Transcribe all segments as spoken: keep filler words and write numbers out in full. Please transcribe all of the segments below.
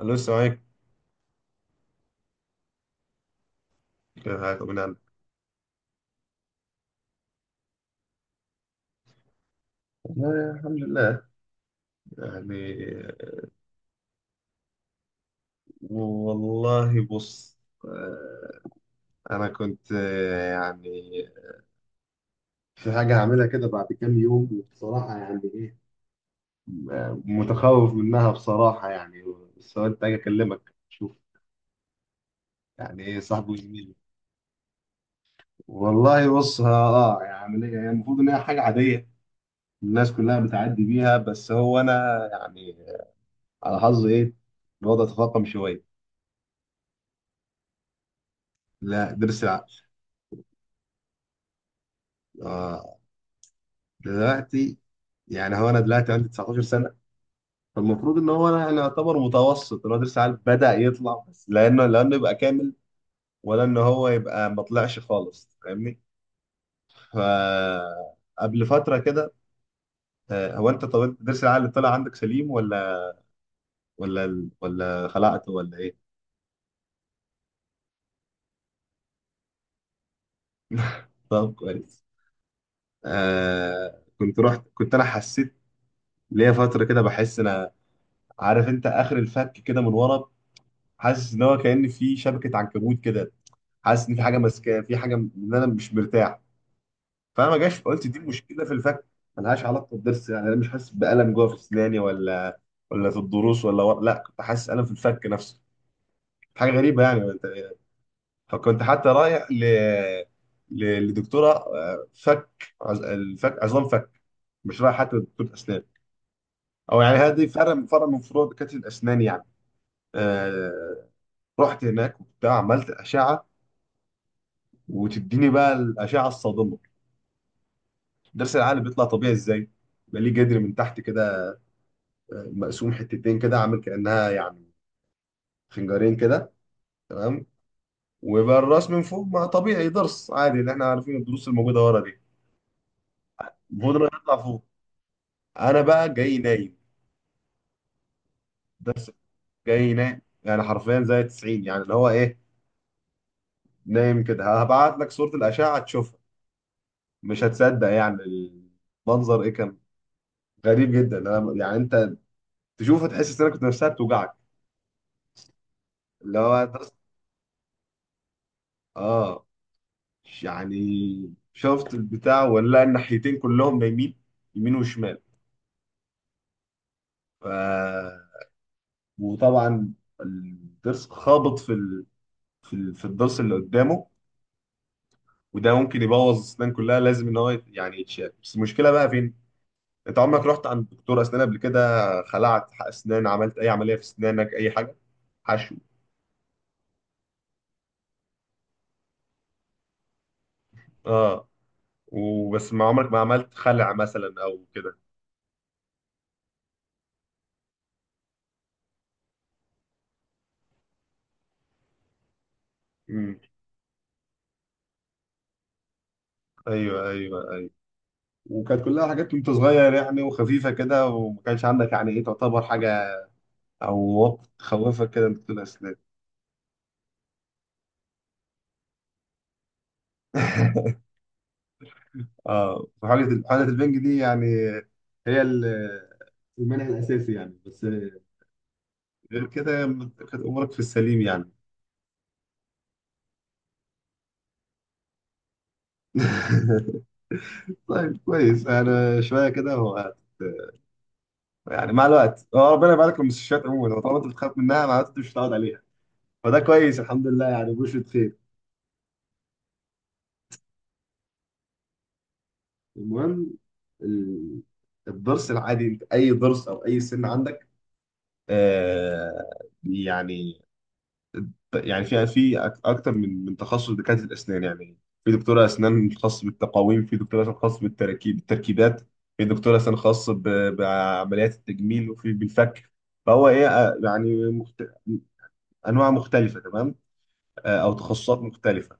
أنا لسه معاك. حاجة من عندك. والله الحمد لله يعني. والله بص. آه، أنا كنت، آه، يعني في حاجة هعملها كده بعد كام يوم، وبصراحة يعني إيه، آه، متخوف منها بصراحة يعني. بس قلت أجي أكلمك، شوف يعني إيه، صاحبي وزميلي. والله بص. ها- آه يعني هي المفروض إن هي حاجة عادية، الناس كلها بتعدي بيها، بس هو أنا يعني على حظي إيه، الوضع تفاقم شوية. لا، درس العقل. آه، دلوقتي، يعني هو انا دلوقتي عندي تسعة عشر سنه. فالمفروض ان هو انا أنا يعتبر متوسط، اللي هو درس عالي بدا يطلع، بس لانه لانه يبقى كامل، ولا ان هو يبقى ما طلعش خالص، فاهمني؟ ف، قبل فتره كده، آه، هو انت، طب انت درس العقل طلع عندك سليم، ولا ولا ولا خلعته، ولا ايه؟ طب كويس. آه كنت رحت، كنت انا حسيت ليا فتره كده بحس انا، عارف انت اخر الفك كده من ورا، حاسس ان هو كأن في شبكه عنكبوت كده، حاسس ان في حاجه ماسكاه، في حاجه م- ان انا مش مرتاح. فانا ما جاش قلت دي مشكله في الفك، ملهاش علاقه بالضرس، يعني انا مش حاسس بالم جوه في اسناني، ولا ولا في الضروس ولا ورا. لا، كنت حاسس الم في الفك نفسه، حاجه غريبه يعني. فكنت حتى رايح ل... ل... لدكتوره آه، فك، عز... الفك، عظام فك، مش رايح حتى لدكتوره اسنان. او يعني هذه فرع فرع من فروع دكاتره الاسنان يعني. آه... رحت هناك وبتاع، عملت اشعه، وتديني بقى الاشعه الصادمه. درس العقل بيطلع طبيعي ازاي؟ يبقى ليه جدر من تحت كده، آه، مقسوم حتتين كده، عامل كأنها يعني خنجرين كده، تمام. ويبقى الراس من فوق ما طبيعي، درس عادي اللي احنا عارفين الدروس الموجودة ورا دي، المفروض انه يطلع فوق. انا بقى جاي نايم. جاي نايم يعني حرفيا زي تسعين، يعني اللي هو ايه، نايم كده. هبعت لك صورة الأشعة تشوفها، مش هتصدق يعني. المنظر ايه كان غريب جدا. أنا- يعني انت تشوفه تحس انك كنت نفسها بتوجعك. اللي هو تحس- اه. يعني شفت البتاع؟ ولا الناحيتين كلهم نايمين، يمين وشمال. ف... وطبعا الضرس خابط في ال... في ال... في الضرس اللي قدامه، وده ممكن يبوظ الاسنان كلها. لازم ان هو يت- يعني يتشال، بس المشكله بقى فين؟ انت عمرك رحت عند دكتور اسنان قبل كده؟ خلعت اسنان؟ عملت اي عمليه في اسنانك؟ اي حاجه؟ حشو؟ اه. وبس، ما عمرك ما عملت خلع مثلا او كده؟ امم. ايوه ايوه ايوه. وكانت كلها حاجات وانت صغير يعني، وخفيفه كده، وما كانش عندك يعني ايه تعتبر حاجه، او وقت تخوفك كده انك تقول اسنان. اه. وحاجه حاجه البنج دي يعني، هي ال- المنع الاساسي يعني، بس غير كده كانت امورك في السليم يعني. طيب كويس. انا شويه كده، هو يعني مع الوقت، هو ربنا يبارك لك، المستشفيات عموما هو طالما انت بتخاف منها، معناته انت مش هتقعد عليها. فده كويس الحمد لله يعني، بشرة خير. المهم، ال- الضرس العادي، انت اي ضرس او اي سن عندك، آه يعني، يعني في في أك- اكتر من من تخصص دكاتره الاسنان يعني. في دكتوره اسنان خاص بالتقاويم، في دكتوره اسنان خاص بالتركيب، بالتركيبات، في دكتوره اسنان خاص ب- بعمليات التجميل، وفي بالفك. فهو ايه، آه، يعني مخت... انواع مختلفه، تمام، آه، او تخصصات مختلفه.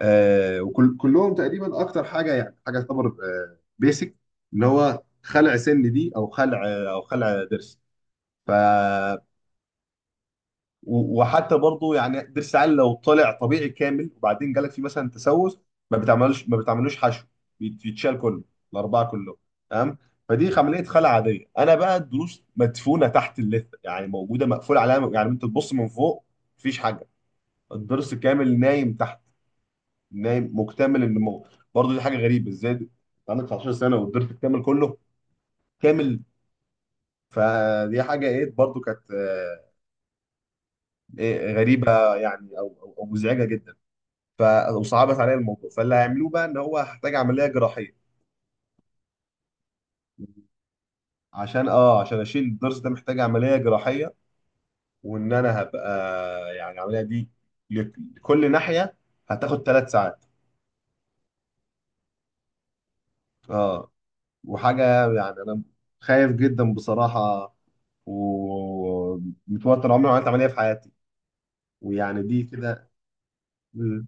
آه وكل كلهم تقريبا اكتر حاجه، يعني حاجه تعتبر آه بيسك، اللي هو خلع سن دي، او خلع، او خلع ضرس. ف، و- وحتى برضو يعني ضرس عال لو طلع طبيعي كامل، وبعدين جالك فيه مثلا تسوس، ما بتعملوش ما بتعملوش حشو، بيت- بيتشال كله، الاربعه كلهم، تمام. فدي عمليه خلع عاديه. انا بقى الضروس مدفونه تحت اللثه، يعني موجوده مقفول عليها، يعني انت تبص من فوق مفيش حاجه، الضرس كامل نايم تحت، نايم مكتمل النمو. برضه دي حاجه غريبه، ازاي انت عندك تسعة عشر سنه والضرس الكامل كله كامل؟ فدي حاجه ايه، برضه كانت آه، إيه غريبه يعني، او او أو مزعجه جدا. ف- وصعبت عليا الموضوع. فاللي هيعملوه بقى ان هو هحتاج عمليه جراحيه، عشان اه عشان اشيل الضرس ده، محتاج عمليه جراحيه. وان انا هبقى يعني العمليه دي، لك- لكل ناحيه هتاخد ثلاث ساعات. اه، وحاجه يعني انا خايف جدا بصراحه، ومتوتر، عمري ما عملت عملية في حياتي، ويعني دي كده. مم.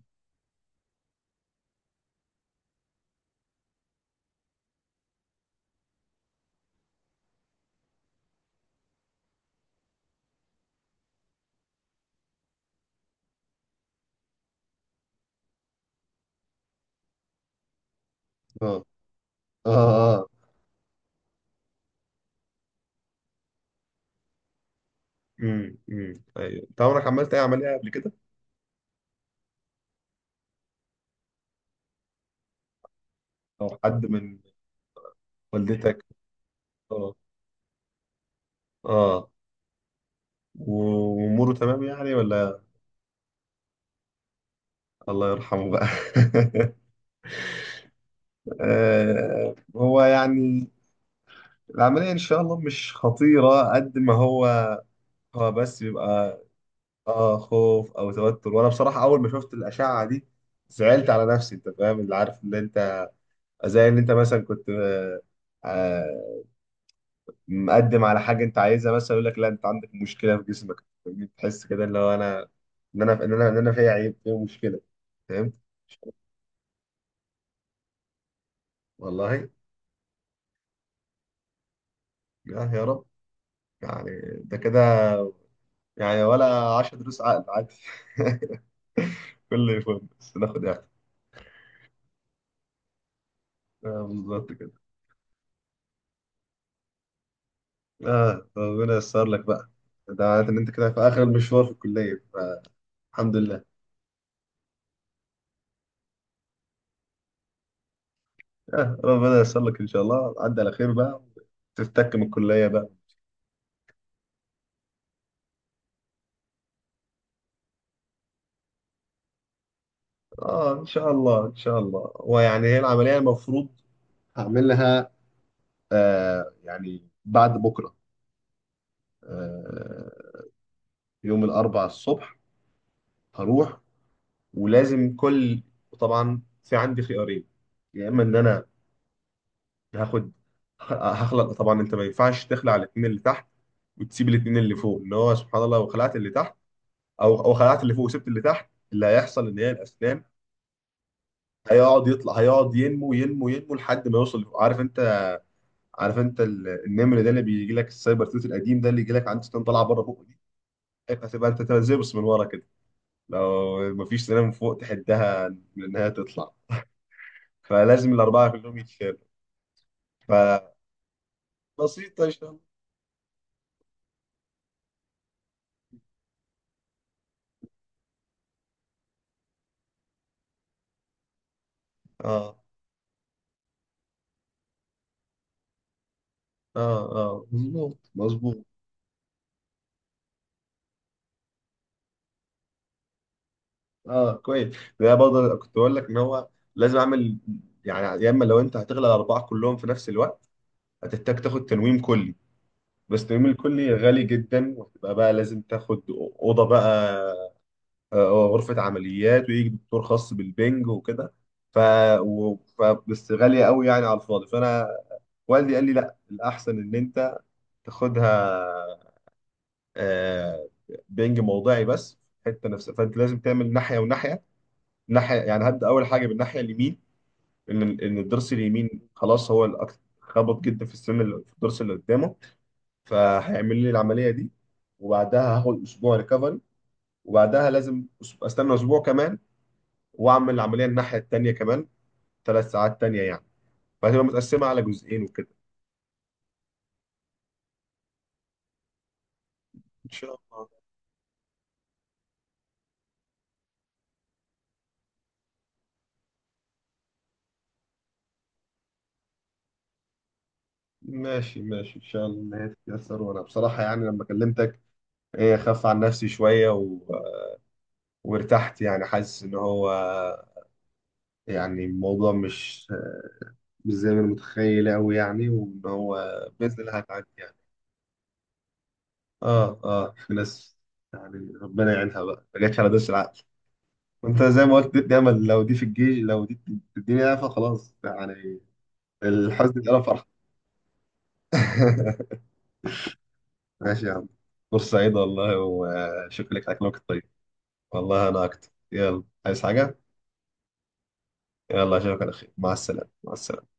اه اه اه. امم امم، ايوه. انت عمرك عملت اي عملية قبل كده؟ او حد من، والدتك؟ اه اه. واموره تمام يعني ولا؟ الله يرحمه بقى. آه، هو يعني العملية ان شاء الله مش خطيرة قد ما هو، هو بس بيبقى اه خوف او توتر. وانا بصراحة اول ما شفت الاشعة دي زعلت على نفسي، انت فاهم اللي عارف، اللي انت زي ان انت مثلا كنت، آه، آه، مقدم على حاجه انت عايزها مثلا، يقول لك لا انت عندك مشكله في جسمك، تحس كده اللي هو انا، ان انا ان انا ان انا فيا عيب، فيا مشكله، فهمت. والله يا، يا رب يعني، ده كده يعني، ولا عشرة دروس عقل عادي. كل يوم بس ناخد يعني، آه بالظبط كده. اه ربنا ييسر لك بقى، ده معناته ان انت كده في اخر المشوار في الكليه، فالحمد لله. آه ربنا ييسر لك ان شاء الله، عدى على خير بقى، تفتك من الكليه بقى. اه ان شاء الله، ان شاء الله. ويعني هي العمليه المفروض هعمل لها، آه يعني بعد بكره، آه، يوم الاربعاء الصبح هروح. ولازم كل، طبعا في عندي خيارين، يا اما ان انا هاخد، هخلق. طبعا انت ما ينفعش تخلع الاثنين اللي تحت وتسيب الاثنين اللي فوق، اللي هو سبحان الله لو خلعت اللي تحت، او او خلعت اللي فوق وسبت اللي تحت، اللي هيحصل ان هي الاسنان هيقعد يطلع، هيقعد ينمو ينمو ينمو لحد ما يوصل. عارف انت، عارف انت ال- النمر ده اللي بيجي لك السايبر توت القديم ده، اللي يجي لك عند سنان طالعه بره بقه دي، هتبقى انت تبقى زي، بس من ورا كده، لو مفيش سنان من فوق تحدها من انها تطلع، فلازم الاربعه كلهم يتشالوا. فبسيطه ان شاء الله. اه اه اه. مظبوط مظبوط. اه كويس. ده برضه كنت بقول لك ان هو لازم اعمل يعني، يا اما لو انت هتغلى الاربعه كلهم في نفس الوقت، هتحتاج تاخد تنويم كلي. بس التنويم الكلي غالي جدا، وهتبقى بقى لازم تاخد اوضه بقى، آه، غرفة عمليات، ويجي دكتور خاص بالبنج وكده. ف... و... ف... بس غالية قوي يعني على الفاضي. فأنا والدي قال لي لا، الأحسن إن أنت تاخدها، آه، بنج موضعي بس، حتة نفسها، فأنت لازم تعمل ناحية وناحية. ناحية يعني هبدأ أول حاجة بالناحية اليمين، إن إن الضرس اليمين خلاص هو الأكثر خبط جدا في السن اللي في الضرس اللي قدامه. فهيعمل لي العملية دي، وبعدها هاخد أسبوع ريكفري، وبعدها لازم أس- استنى اسبوع كمان، واعمل العمليه الناحيه التانيه كمان، ثلاث ساعات تانيه يعني، فهتبقى متقسمه على جزئين وكده. ان شاء الله. ماشي ماشي ان شاء الله إن هي تتيسر، وانا بصراحه يعني لما كلمتك، ايه، خف عن نفسي شويه و... وارتحت يعني، حاسس ان هو يعني الموضوع مش، مش زي ما انا متخيل قوي يعني، وان هو باذن الله هتعدي يعني. اه اه. في ناس يعني ربنا يعينها بقى، ما جاتش على دوس العقل. وانت زي ما قلت، دي امل، لو دي في الجيش، لو دي في الدنيا فخلاص يعني، الحزن اتقلب فرحه. ماشي يا عم، فرصة سعيدة والله، وشكرا لك على كلامك الطيب. والله أنا أكتر. يلا عايز حاجة؟ يلا أشوفك على خير، مع السلامة مع السلامة.